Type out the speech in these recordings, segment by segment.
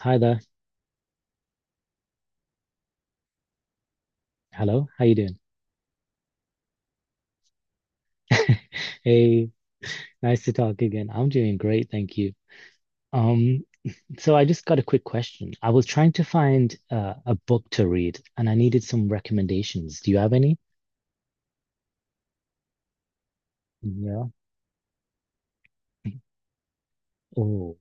Hi there. Hello. How you doing? Hey, nice to talk again. I'm doing great, thank you. Um, so I just got a quick question. I was trying to find a book to read, and I needed some recommendations. Do you have any? Yeah. Oh.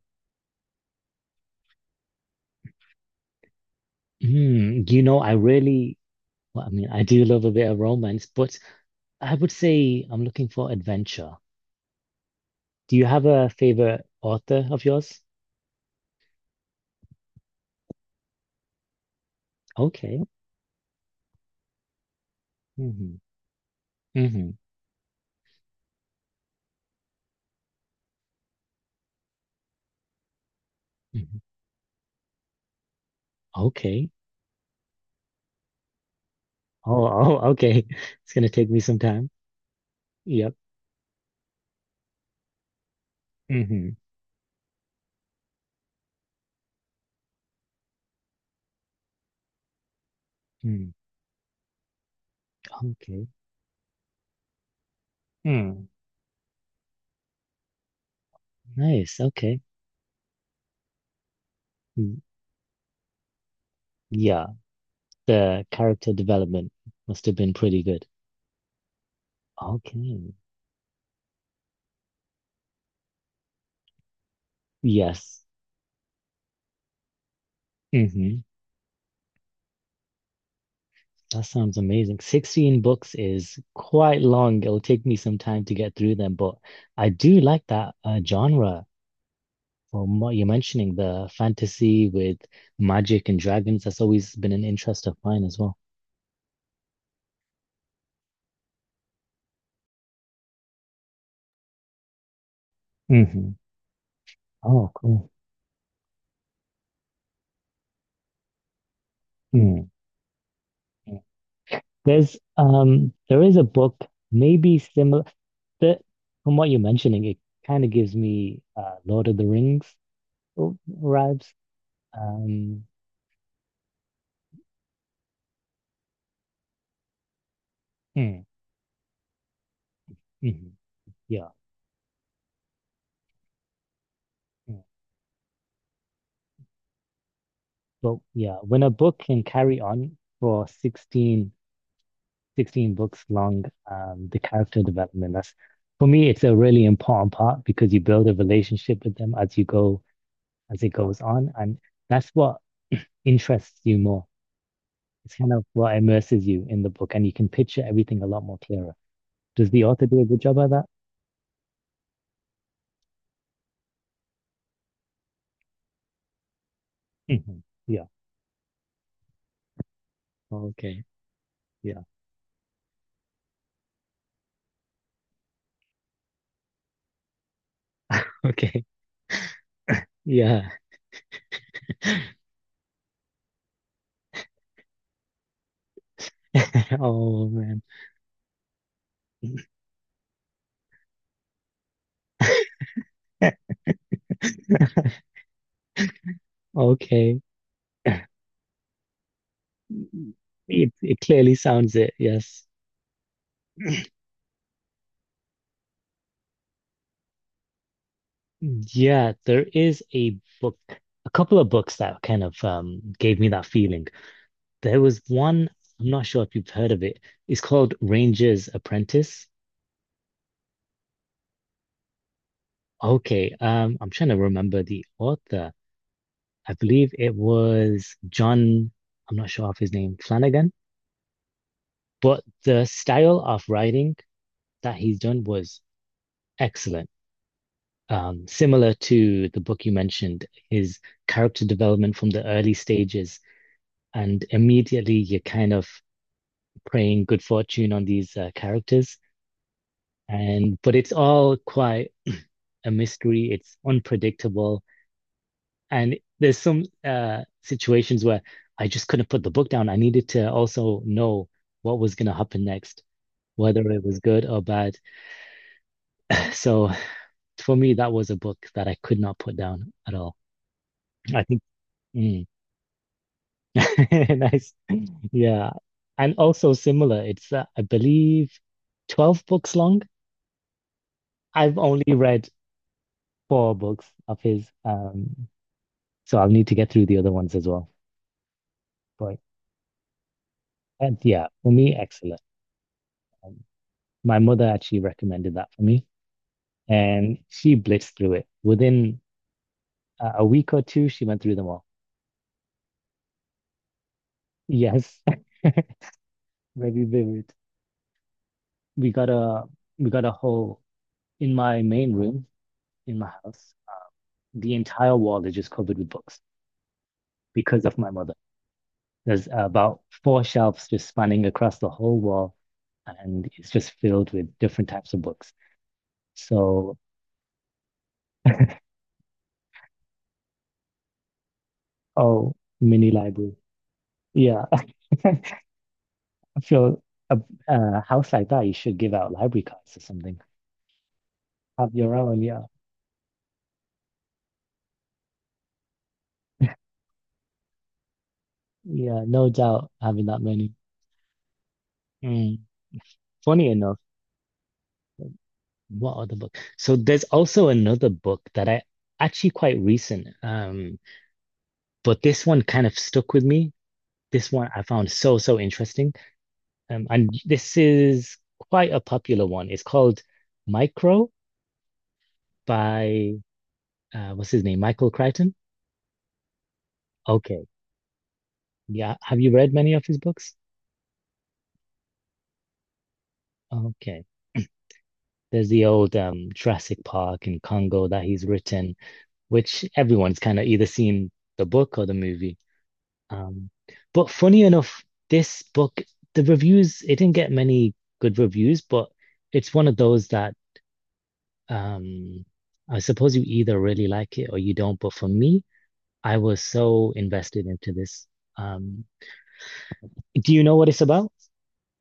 Hmm. Well, I do love a bit of romance, but I would say I'm looking for adventure. Do you have a favorite author of yours? Okay. Mm-hmm. Mm-hmm. Hmm. Okay. Oh, oh, okay. It's gonna take me some time. Yep. Mm-hmm. Mm. Okay. Mm. Nice. Okay. Mm. Yeah. The character development must have been pretty good. Okay. Yes. Mm-hmm. That sounds amazing. 16 books is quite long. It'll take me some time to get through them, but I do like that genre from what you're mentioning, the fantasy with magic and dragons. That's always been an interest of mine as well. Mm-hmm. Oh, cool. Mm. There is a book maybe similar that from what you're mentioning, it kind of gives me Lord of the Rings vibes. Um mm, mhm, yeah, mm. But yeah, when a book can carry on for sixteen books long, the character development, that's for me it's a really important part because you build a relationship with them as you go as it goes on, and that's what interests you more. It's kind of what immerses you in the book, and you can picture everything a lot more clearer. Does the author do a good job at that? Hmm. Yeah. Okay. Yeah. Okay. Yeah. Oh man. Okay. It clearly sounds it. Yes. Yeah, there is a book, a couple of books that kind of gave me that feeling. There was one, I'm not sure if you've heard of it. It's called Ranger's Apprentice. Okay. I'm trying to remember the author. I believe it was John, I'm not sure of his name, Flanagan, but the style of writing that he's done was excellent. Similar to the book you mentioned, his character development from the early stages, and immediately you're kind of praying good fortune on these characters. And but it's all quite a mystery. It's unpredictable. And there's some situations where I just couldn't put the book down. I needed to also know what was going to happen next, whether it was good or bad. So for me, that was a book that I could not put down at all. I think, mm. Nice. Yeah. And also similar, it's, I believe, 12 books long. I've only read four books of his. So I'll need to get through the other ones as well. But and yeah, for me, excellent. My mother actually recommended that for me, and she blitzed through it. Within a week or two, she went through them all. Yes, very vivid. We got a we got a whole in my main room in my house. The entire wall is just covered with books because of my mother. There's about four shelves just spanning across the whole wall, and it's just filled with different types of books. So, oh, mini library. Yeah. I feel a, a house like that, you should give out library cards or something. Have your own, yeah. Yeah, no doubt having that many. Mm. Funny enough, what other book? So there's also another book that I actually quite recent, but this one kind of stuck with me. This one I found so, so interesting. And this is quite a popular one. It's called Micro by, what's his name? Michael Crichton. Okay. Yeah. Have you read many of his books? Okay. There's the old Jurassic Park in Congo that he's written, which everyone's kind of either seen the book or the movie. Um, but funny enough, this book, the reviews, it didn't get many good reviews, but it's one of those that um, I suppose you either really like it or you don't. But for me, I was so invested into this. Um, do you know what it's about?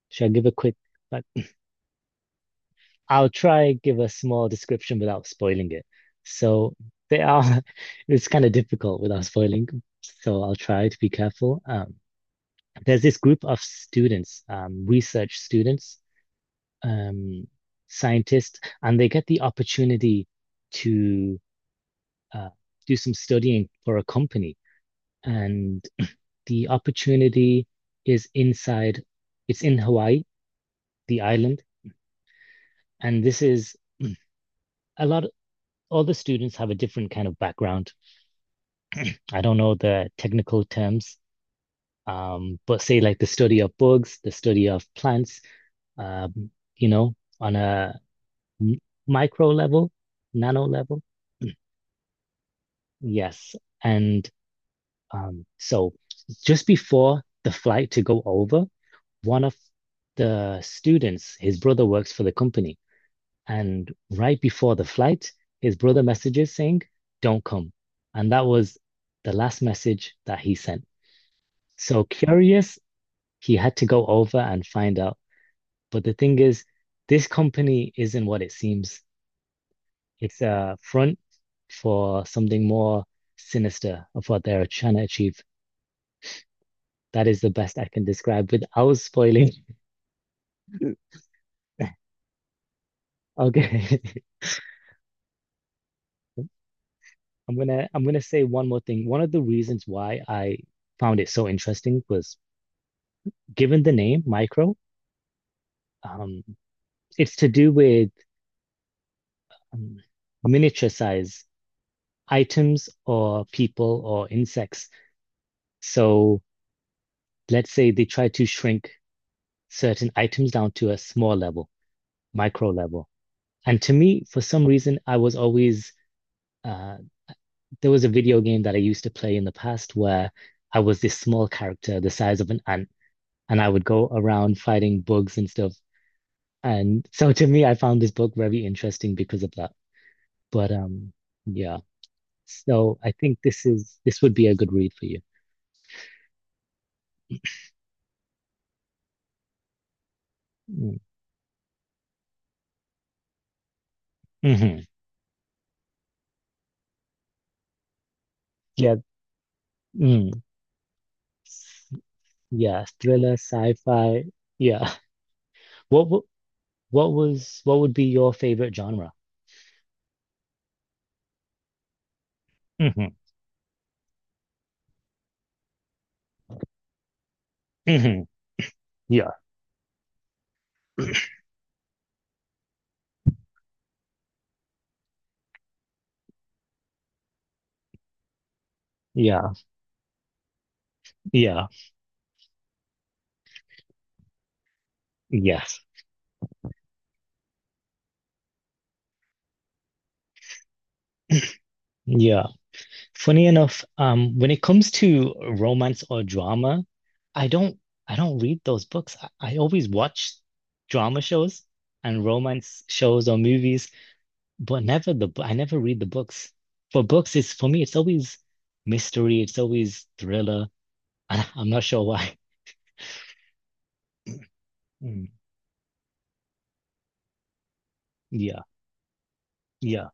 Should I give a quick I'll try give a small description without spoiling it. So they are it's kind of difficult without spoiling. So I'll try to be careful. There's this group of students, research students, um, scientists, and they get the opportunity to uh, do some studying for a company. And the opportunity is inside, it's in Hawaii, the island, and this is a lot all the students have a different kind of background. I don't know the technical terms, but say like the study of bugs, the study of plants, um, you know, on a m- micro level, nano level. Yes. And so just before the flight to go over, one of the students, his brother works for the company. And right before the flight, his brother messages saying, don't come. And that was the last message that he sent. So curious He had to go over and find out. But the thing is, this company isn't what it seems. It's a front for something more sinister of what they're trying to achieve. That is the best I can describe without spoiling. Okay. I'm gonna say one more thing. One of the reasons why I found it so interesting was given the name Micro, um, it's to do with um, miniature size items or people or insects. So let's say they try to shrink certain items down to a small level, micro level. And to me, for some reason, I was always uh, there was a video game that I used to play in the past where I was this small character, the size of an ant, and I would go around fighting bugs and stuff. And so to me, I found this book very interesting because of that. But yeah. So I think this would be a good read for you. Mm. Hmm. Yeah. Mm. Yeah. Thriller, sci-fi. Yeah. What would what was what would be your favorite genre? Hmm. Hmm. Yeah, yeah, yeah, yes. Yeah. Funny enough, when it comes to romance or drama, I don't I don't read those books. I always watch drama shows and romance shows or movies, but never I never read the books. For books, it's for me, it's always mystery, it's always thriller, and I'm not sure why. Mm. Yeah, yeah,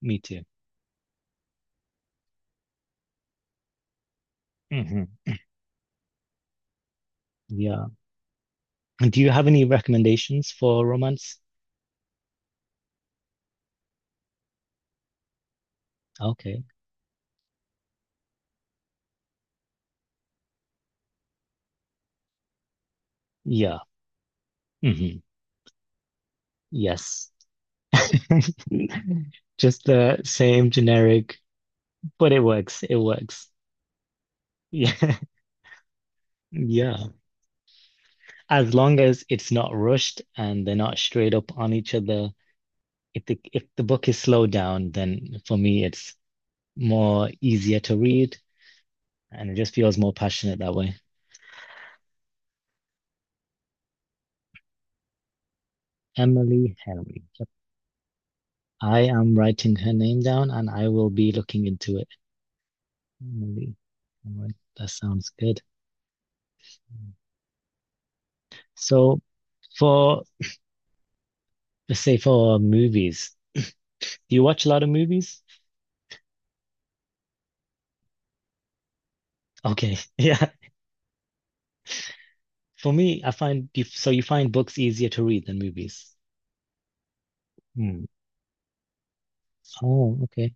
me too. Hmm. Yeah. Do you have any recommendations for romance? Okay. Yeah. Hmm. Yes. Just the same generic, but it works. It works. Yeah. Yeah. As long as it's not rushed and they're not straight up on each other. If the book is slowed down, then for me it's more easier to read and it just feels more passionate that way. Emily Henry. Yep. I am writing her name down and I will be looking into it. Movie. All right, that sounds good. So for let's say for movies, do you watch a lot of movies? Okay, yeah. For me, I find you so you find books easier to read than movies. Hmm. Oh, okay.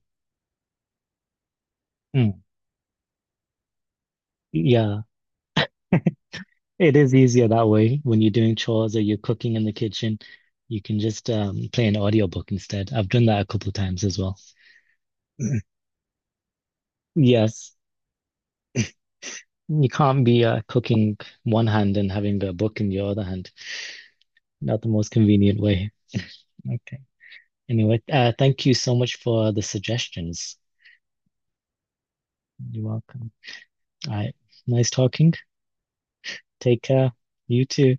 Hmm. Yeah, it is easier that way when you're doing chores or you're cooking in the kitchen. You can just play an audiobook instead. I've done that a couple of times as well. Yes, you can't be cooking one hand and having a book in your other hand. Not the most convenient way. Okay. Anyway, thank you so much for the suggestions. You're welcome. All right. Nice talking. Take care. You too.